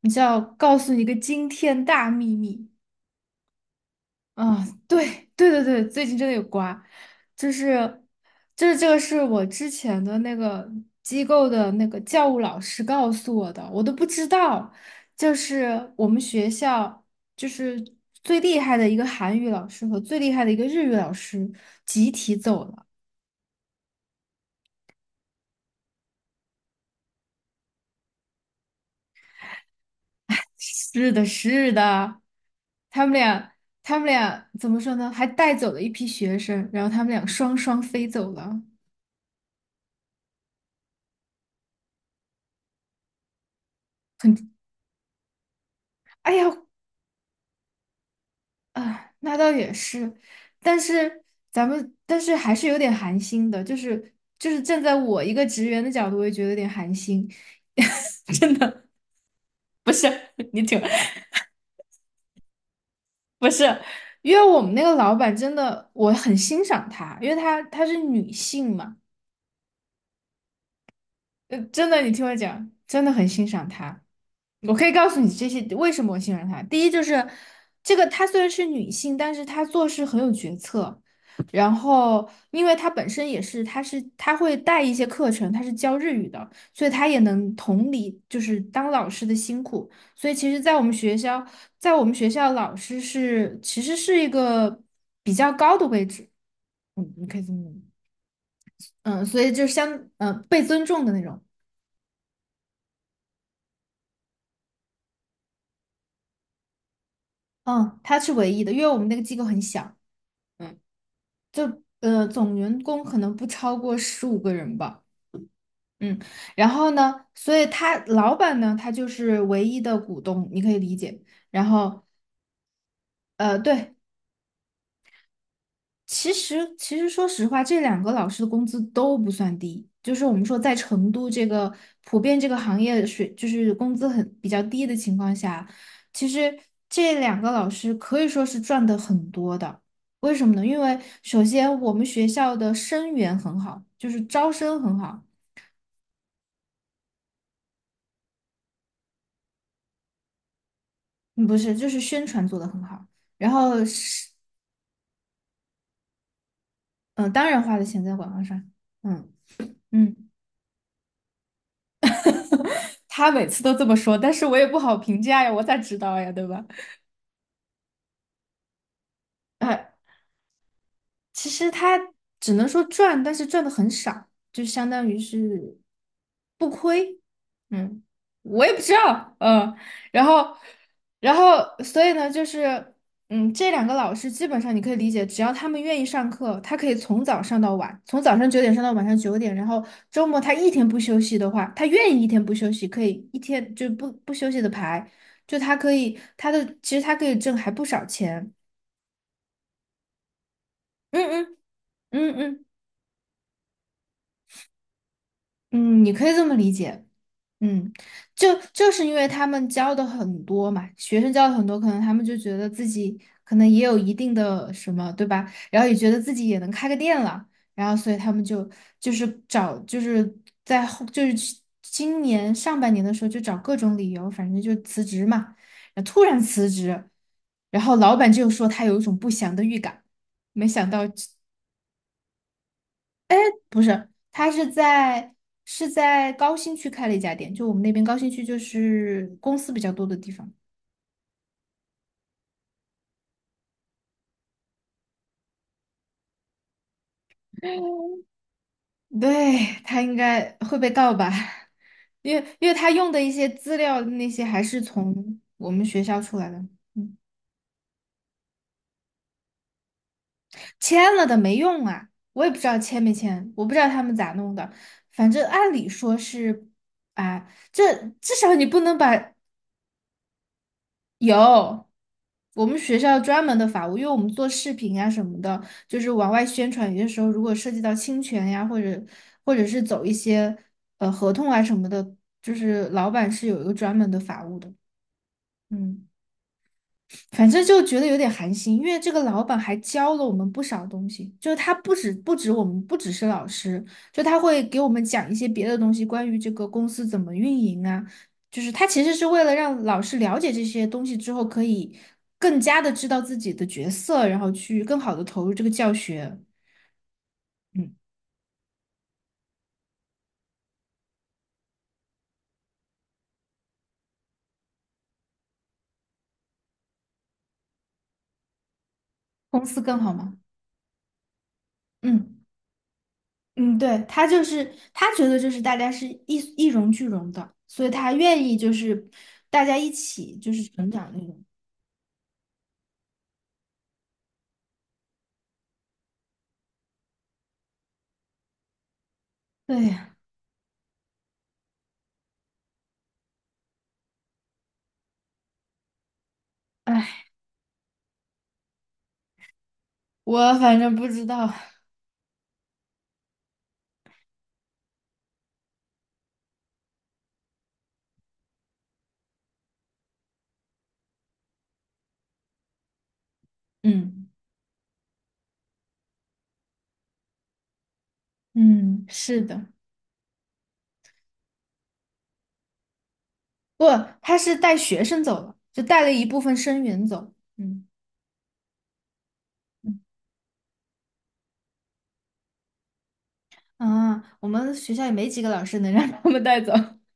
你知道，告诉你一个惊天大秘密啊！对对对对，最近真的有瓜，就是就是这个是我之前的那个机构的那个教务老师告诉我的，我都不知道。就是我们学校就是最厉害的一个韩语老师和最厉害的一个日语老师集体走了。是的，是的，他们俩，他们俩怎么说呢？还带走了一批学生，然后他们俩双双飞走了。很，哎呀，啊，那倒也是，但是咱们，但是还是有点寒心的，就是站在我一个职员的角度，我也觉得有点寒心。真的不是，你挺，不是，因为我们那个老板真的，我很欣赏她，因为她是女性嘛，真的，你听我讲，真的很欣赏她。我可以告诉你这些为什么我信任她。第一就是这个，她虽然是女性，但是她做事很有决策。然后，因为她本身也是，她会带一些课程，她是教日语的，所以她也能同理，就是当老师的辛苦。所以，其实，在我们学校，老师是其实是一个比较高的位置，你可以这么，嗯，所以就相，被尊重的那种，嗯，她是唯一的，因为我们那个机构很小。嗯。就总员工可能不超过15个人吧，嗯，然后呢，所以他老板呢，他就是唯一的股东，你可以理解。然后对，其实，说实话，这两个老师的工资都不算低。就是我们说，在成都这个普遍这个行业水，就是工资很比较低的情况下，其实这两个老师可以说是赚的很多的。为什么呢？因为首先我们学校的生源很好，就是招生很好，嗯不是，就是宣传做得很好。然后是，嗯、当然花的钱在广告上，嗯嗯，他每次都这么说，但是我也不好评价呀，我咋知道呀，对吧？其实他只能说赚，但是赚的很少，就相当于是不亏。嗯，我也不知道，然后，然后，所以呢，就是，这两个老师基本上你可以理解，只要他们愿意上课，他可以从早上到晚，从早上九点上到晚上九点，然后周末他一天不休息的话，他愿意一天不休息，可以一天就不休息的排，就他可以，他的其实他可以挣还不少钱。嗯嗯嗯嗯。嗯，你可以这么理解。嗯，就是因为他们教的很多嘛，学生教的很多，可能他们就觉得自己可能也有一定的什么，对吧？然后也觉得自己也能开个店了，然后所以他们就就是找就是在后就是去今年上半年的时候就找各种理由，反正就辞职嘛，然后突然辞职，然后老板就说他有一种不祥的预感，没想到。不是，他是在高新区开了一家店，就我们那边高新区就是公司比较多的地方。对，他应该会被告吧，因为他用的一些资料那些还是从我们学校出来的，嗯，签了的没用啊，我也不知道签没签，我不知道他们咋弄的，反正按理说是啊，这至少你不能把。有，我们学校专门的法务，因为我们做视频啊什么的，就是往外宣传，有些时候如果涉及到侵权呀，或者是走一些合同啊什么的，就是老板是有一个专门的法务的。嗯。反正就觉得有点寒心，因为这个老板还教了我们不少东西，就是他不止我们不只是老师，就他会给我们讲一些别的东西，关于这个公司怎么运营啊，就是他其实是为了让老师了解这些东西之后，可以更加的知道自己的角色，然后去更好的投入这个教学，嗯，公司更好吗？嗯嗯，对，他觉得就是大家是一荣俱荣的，所以他愿意就是大家一起就是成长那种。对，呀，哎，我反正不知道。嗯嗯，是的，不，他是带学生走了，就带了一部分生源走。嗯嗯啊，我们学校也没几个老师能让他们带走。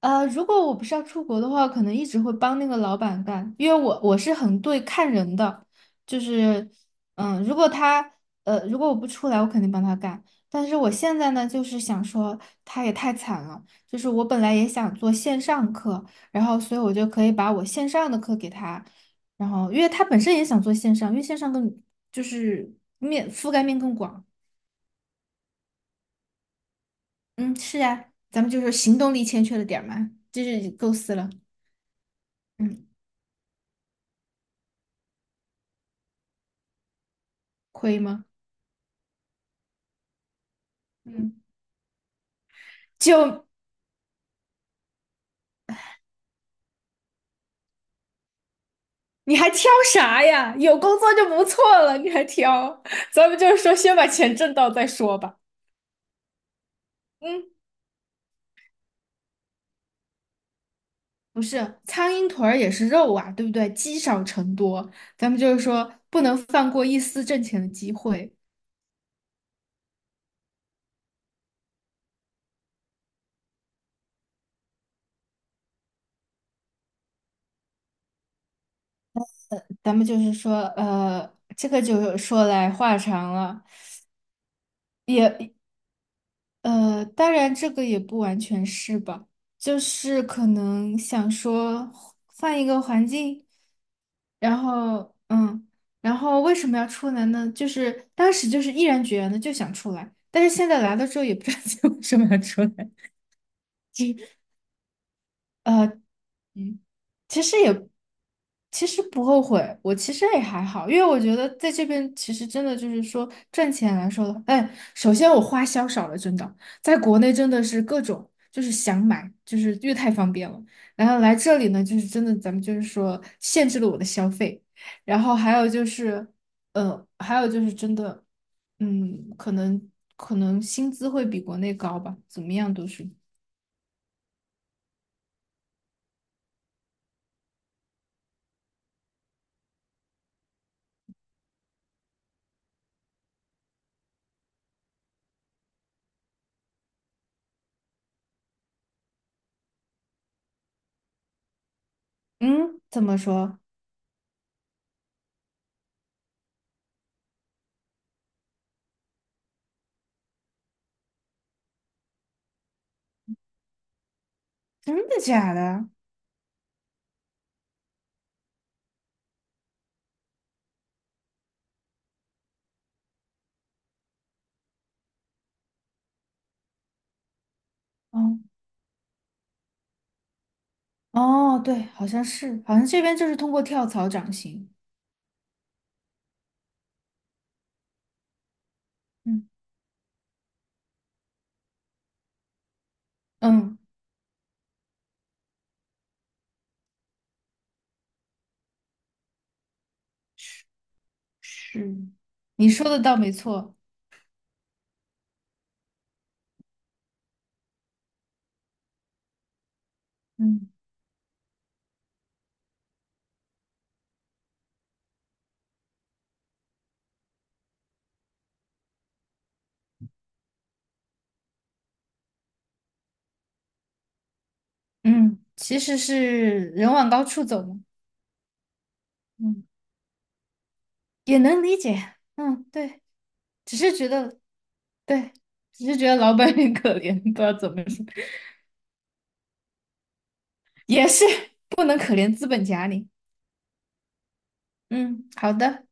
如果我不是要出国的话，可能一直会帮那个老板干，因为我是很对看人的，就是，嗯，如果他，如果我不出来，我肯定帮他干。但是我现在呢，就是想说他也太惨了，就是我本来也想做线上课，然后所以我就可以把我线上的课给他，然后因为他本身也想做线上，因为线上更就是覆盖面更广。嗯，是啊，咱们就是行动力欠缺了点儿嘛，就是构思了，嗯，可以吗？嗯，就你还挑啥呀？有工作就不错了，你还挑？咱们就是说，先把钱挣到再说吧。嗯，不是，苍蝇腿儿也是肉啊，对不对？积少成多，咱们就是说，不能放过一丝挣钱的机会。咱们就是说，这个就说来话长了。也。当然这个也不完全是吧，就是可能想说换一个环境，然后嗯，然后为什么要出来呢？就是当时就是毅然决然的就想出来，但是现在来了之后也不知道 自己为什么要出来。嗯，其实也其实不后悔，我其实也还好，因为我觉得在这边其实真的就是说赚钱来说的，哎，首先我花销少了，真的，在国内真的是各种就是想买，就是越太方便了，然后来这里呢，就是真的咱们就是说限制了我的消费，然后还有就是真的，嗯，可能薪资会比国内高吧，怎么样都是，嗯，怎么说？真的假的？哦哦，对，好像是，好像这边就是通过跳槽涨薪。嗯嗯，是，你说的倒没错。嗯嗯，其实是人往高处走嘛。嗯，也能理解。嗯，对，只是觉得，对，只是觉得老板很可怜，不知道怎么说，也是不能可怜资本家你。嗯，好的。